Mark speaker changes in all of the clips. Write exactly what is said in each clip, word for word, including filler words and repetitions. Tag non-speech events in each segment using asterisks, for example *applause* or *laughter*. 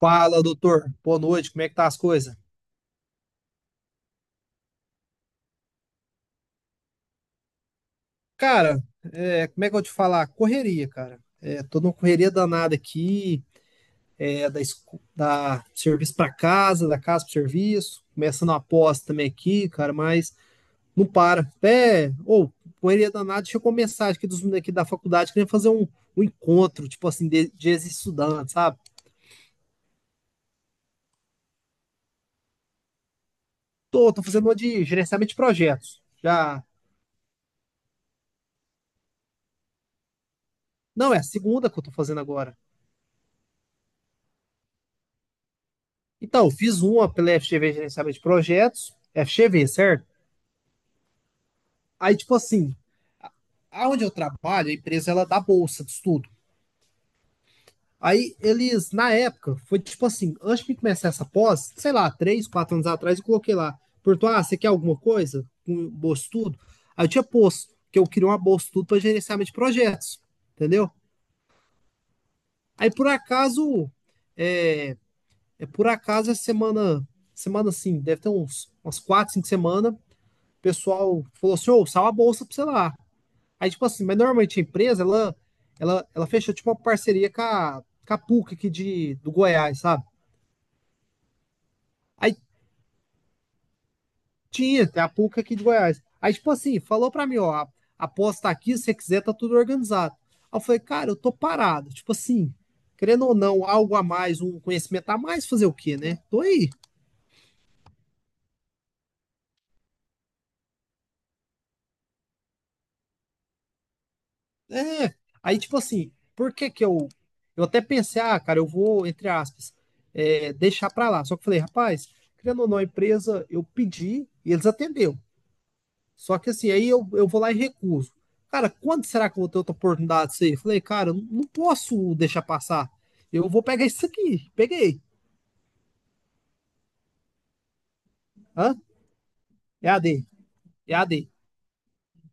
Speaker 1: Fala, doutor. Boa noite. Como é que tá as coisas? Cara, é, como é que eu vou te falar? Correria, cara. É, tô numa correria danada aqui, é, da, esco- da serviço pra casa, da casa pro serviço, começando a pós também aqui, cara, mas não para. Até, ou, correria danada, deixa eu começar aqui dos meninos aqui da faculdade, querendo fazer um, um encontro, tipo assim, de, de ex-estudantes, sabe? Tô, tô fazendo uma de gerenciamento de projetos. Já, não, é a segunda que eu tô fazendo agora. Então, fiz uma pela F G V Gerenciamento de Projetos, F G V, certo? Aí, tipo assim, a- aonde eu trabalho, a empresa ela dá bolsa de estudo. Aí eles, na época, foi tipo assim, antes de começar essa pós, sei lá, três, quatro anos atrás, eu coloquei lá, perguntou, ah, você quer alguma coisa com bolsa de estudo? Aí eu tinha posto, que eu queria uma bolsa de estudo para gerenciamento de projetos, entendeu? Aí por acaso, é, é por acaso, essa semana, semana assim, deve ter uns, umas quatro, cinco semanas, o pessoal falou assim, ô, sal a bolsa pra você lá. Aí, tipo assim, mas normalmente a empresa, ela, ela, ela fechou, tipo, uma parceria com a, com a PUC aqui de, do Goiás, sabe? Aí tinha, tem a PUC aqui de Goiás. Aí, tipo assim, falou pra mim, ó, a aposta tá aqui, se você quiser, tá tudo organizado. Aí eu falei, cara, eu tô parado. Tipo assim, querendo ou não, algo a mais, um conhecimento a mais, fazer o quê, né? Tô aí. É, Aí tipo assim, por que que eu eu até pensei, ah, cara, eu vou, entre aspas, é, deixar pra lá. Só que eu falei, rapaz, criando ou não a empresa, eu pedi e eles atendeu. Só que assim, aí eu, eu vou lá e recuso. Cara, quando será que eu vou ter outra oportunidade disso aí? Eu falei, cara, eu não posso deixar passar. Eu vou pegar isso aqui. Peguei. Hã? E A D. E A D.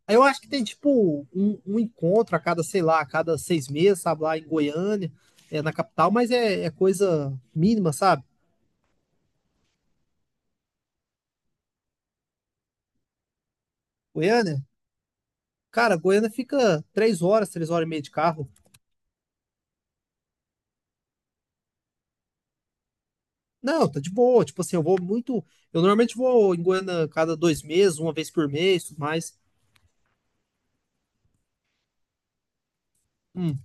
Speaker 1: Aí eu acho que tem, tipo, um, um encontro a cada, sei lá, a cada seis meses, sabe, lá em Goiânia, é, na capital, mas é, é coisa mínima, sabe? Goiânia? Cara, Goiânia fica três horas, três horas e meia de carro. Não, tá de boa. Tipo assim, eu vou muito. Eu normalmente vou em Goiânia cada dois meses, uma vez por mês, tudo mais. Hum.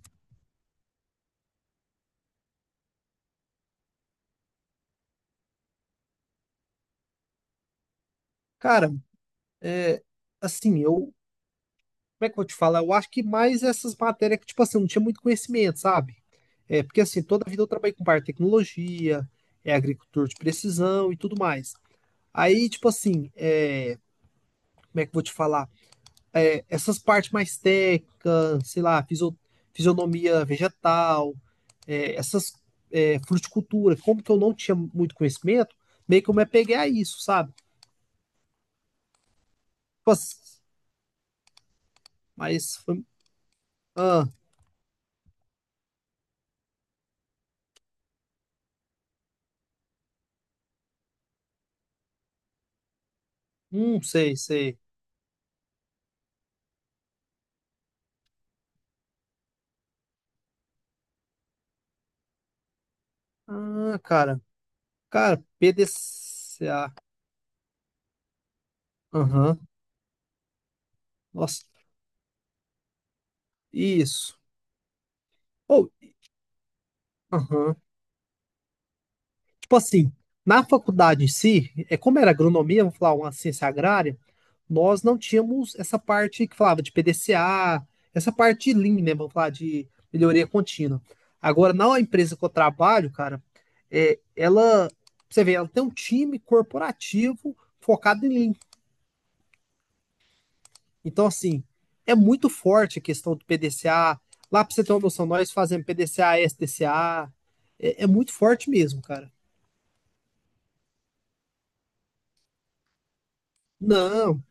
Speaker 1: Cara, assim, eu. Como é que eu vou te falar? Eu acho que mais essas matérias que, tipo assim, eu não tinha muito conhecimento, sabe? É, porque assim, toda a vida eu trabalhei com parte de tecnologia, é agricultor de precisão e tudo mais. Aí, tipo assim, é, como é que eu vou te falar? É, essas partes mais técnicas, sei lá, fisio- fisionomia vegetal, é, essas é, fruticultura, como que eu não tinha muito conhecimento, meio que eu me apeguei a isso, sabe? Tipo assim, mas foi. Ah, hum, sei, sei. Ah, cara. Cara, P D C A. Aham. Nossa, isso. Ou, aham. Tipo assim, na faculdade em si, é como era agronomia, vamos falar uma ciência agrária. Nós não tínhamos essa parte que falava de P D C A, essa parte de Lean, né? Vamos falar de melhoria contínua. Agora, na empresa que eu trabalho, cara, é, ela, você vê, ela tem um time corporativo focado em Lean. Então, assim, é muito forte a questão do P D C A. Lá, para você ter uma noção, nós fazemos P D C A, S D C A. É, é muito forte mesmo, cara. Não,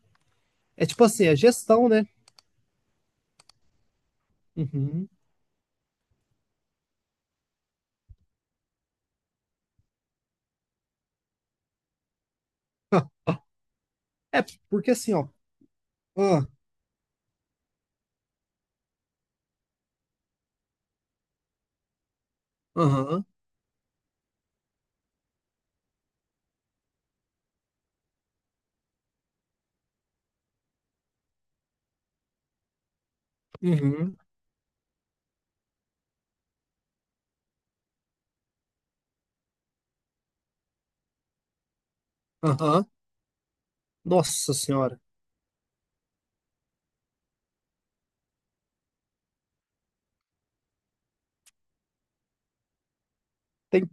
Speaker 1: é tipo assim, a gestão, né? Uhum. *laughs* É porque assim, ó. Ah, aham, uhum, aham. Nossa senhora. Tem...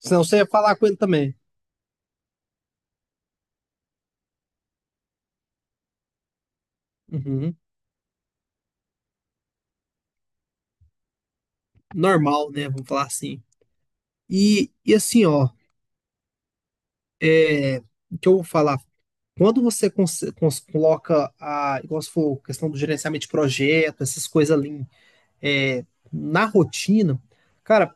Speaker 1: Senão você ia falar com ele também. Uhum. Normal, né? Vamos falar assim. E, e assim, ó, é, o que eu vou falar? Quando você cons- cons- coloca a, igual você falou, questão do gerenciamento de projeto, essas coisas ali, é, na rotina, cara,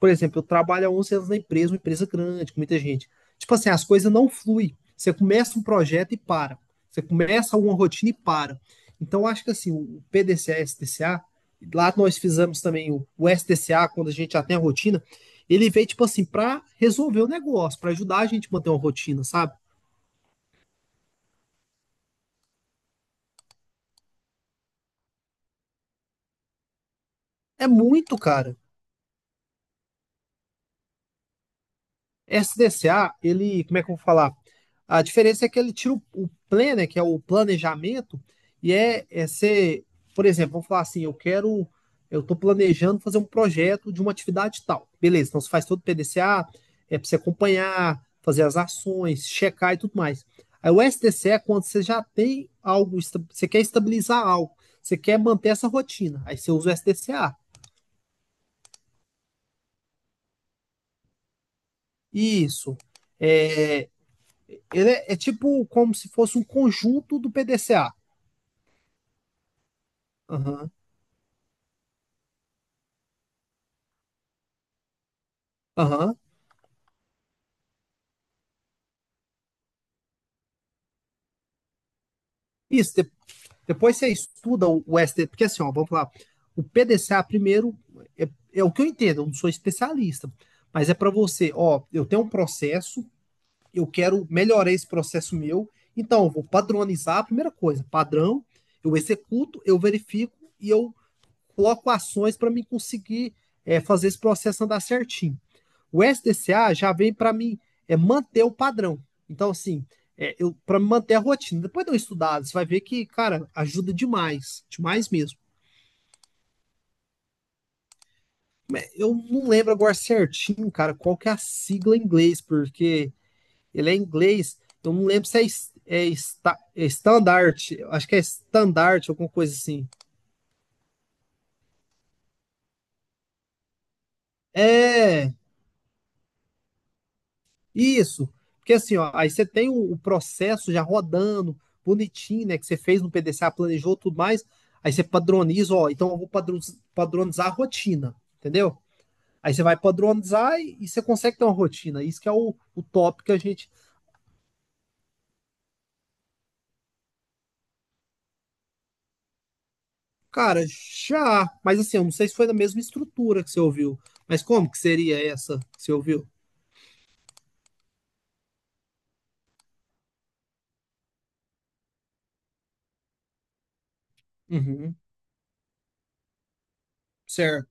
Speaker 1: por exemplo, eu trabalho há onze anos na empresa, uma empresa grande, com muita gente. Tipo assim, as coisas não fluem. Você começa um projeto e para. Você começa uma rotina e para. Então, acho que assim, o P D C A e S T C A, lá nós fizemos também o, o S T C A, quando a gente já tem a rotina, ele veio, tipo assim, para resolver o negócio, para ajudar a gente a manter uma rotina, sabe? É muito, cara. S D C A, ele, como é que eu vou falar? A diferença é que ele tira o, o plan, né, que é o planejamento, e é, é ser, por exemplo, vamos falar assim, eu quero, eu estou planejando fazer um projeto de uma atividade tal. Beleza, então você faz todo o P D C A, é para você acompanhar, fazer as ações, checar e tudo mais. Aí o S D C é quando você já tem algo, você quer estabilizar algo, você quer manter essa rotina, aí você usa o S D C A. Isso. é Ele é, é tipo como se fosse um conjunto do P D C A. Aham, aham. Isso, de- depois você estuda o, o S T, porque assim, ó, vamos lá. O P D C A primeiro é, é o que eu entendo, eu não sou especialista, mas é para você, ó, eu tenho um processo, eu quero melhorar esse processo meu, então eu vou padronizar a primeira coisa, padrão, eu executo, eu verifico e eu coloco ações para mim conseguir é, fazer esse processo andar certinho. O S D C A já vem para mim é manter o padrão. Então, assim, é, eu para manter a rotina. Depois de eu estudado, você vai ver que, cara, ajuda demais, demais mesmo. Eu não lembro agora certinho, cara, qual que é a sigla em inglês, porque ele é em inglês, eu não lembro se é, é, esta, é standard, acho que é standard, alguma coisa assim. É, isso, porque assim, ó, aí você tem o, o processo já rodando, bonitinho, né? Que você fez no P D C A, planejou tudo mais. Aí você padroniza, ó, então eu vou padroniz- padronizar a rotina, entendeu? Aí você vai padronizar e, e você consegue ter uma rotina. Isso que é o, o top que a gente. Cara, já. Mas assim, eu não sei se foi da mesma estrutura que você ouviu. Mas como que seria essa que você ouviu? Uhum. Certo.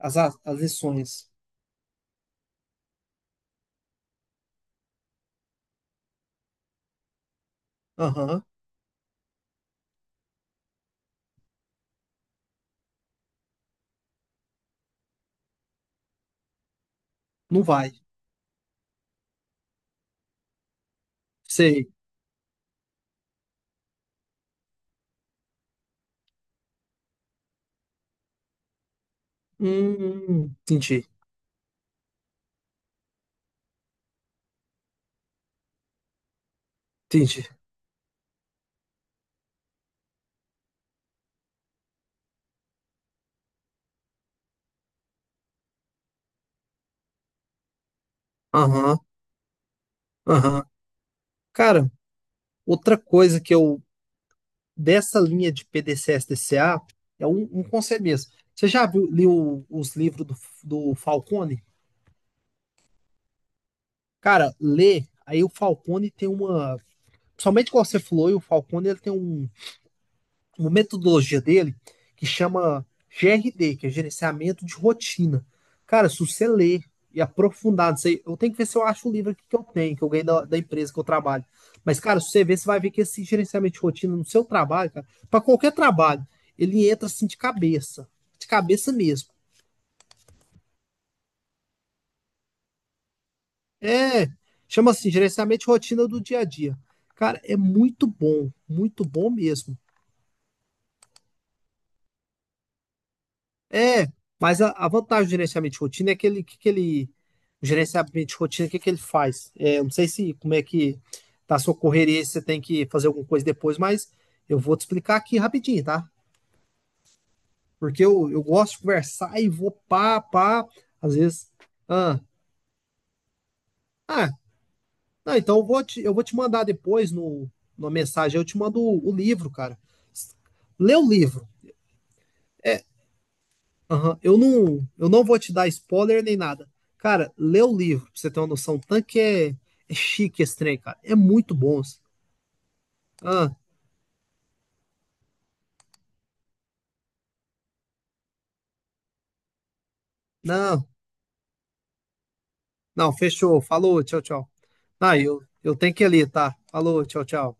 Speaker 1: As, a- as lições. Aham. Não vai. Sei. Hum, entendi. Entendi. Aham. Aham. Cara, outra coisa que eu, dessa linha de P D C S D C A, é um, um conselho mesmo. Você já viu, leu os livros do, do Falcone? Cara, lê, aí o Falcone tem uma. Somente como você falou, e o Falcone ele tem um uma metodologia dele que chama G R D, que é gerenciamento de rotina. Cara, se você ler e aprofundar nisso aí, eu tenho que ver se eu acho o livro aqui que eu tenho, que eu ganhei da, da empresa que eu trabalho. Mas, cara, se você ver, você vai ver que esse gerenciamento de rotina no seu trabalho, cara, para qualquer trabalho, ele entra assim de cabeça, de cabeça mesmo. É, chama assim, gerenciamento de rotina do dia a dia. Cara, é muito bom, muito bom mesmo. É, mas a, a vantagem do gerenciamento de rotina é que ele, que, que ele, o gerenciamento de rotina, o que, que ele faz? É, eu não sei se como é que tá a sua correria, se você tem que fazer alguma coisa depois, mas eu vou te explicar aqui rapidinho, tá? Porque eu, eu gosto de conversar e vou pá, pá, às vezes. Ah, ah, não, então eu vou te, eu vou te mandar depois no, numa mensagem, eu te mando o, o livro, cara. Lê o livro. Aham. Eu não, eu não vou te dar spoiler nem nada. Cara, lê o livro, pra você ter uma noção. O tanque é, é chique esse trem, cara. É muito bom. Assim. Ah, não, não, fechou. Falou, tchau, tchau. Ah, eu, eu tenho que ir ali, tá? Falou, tchau, tchau.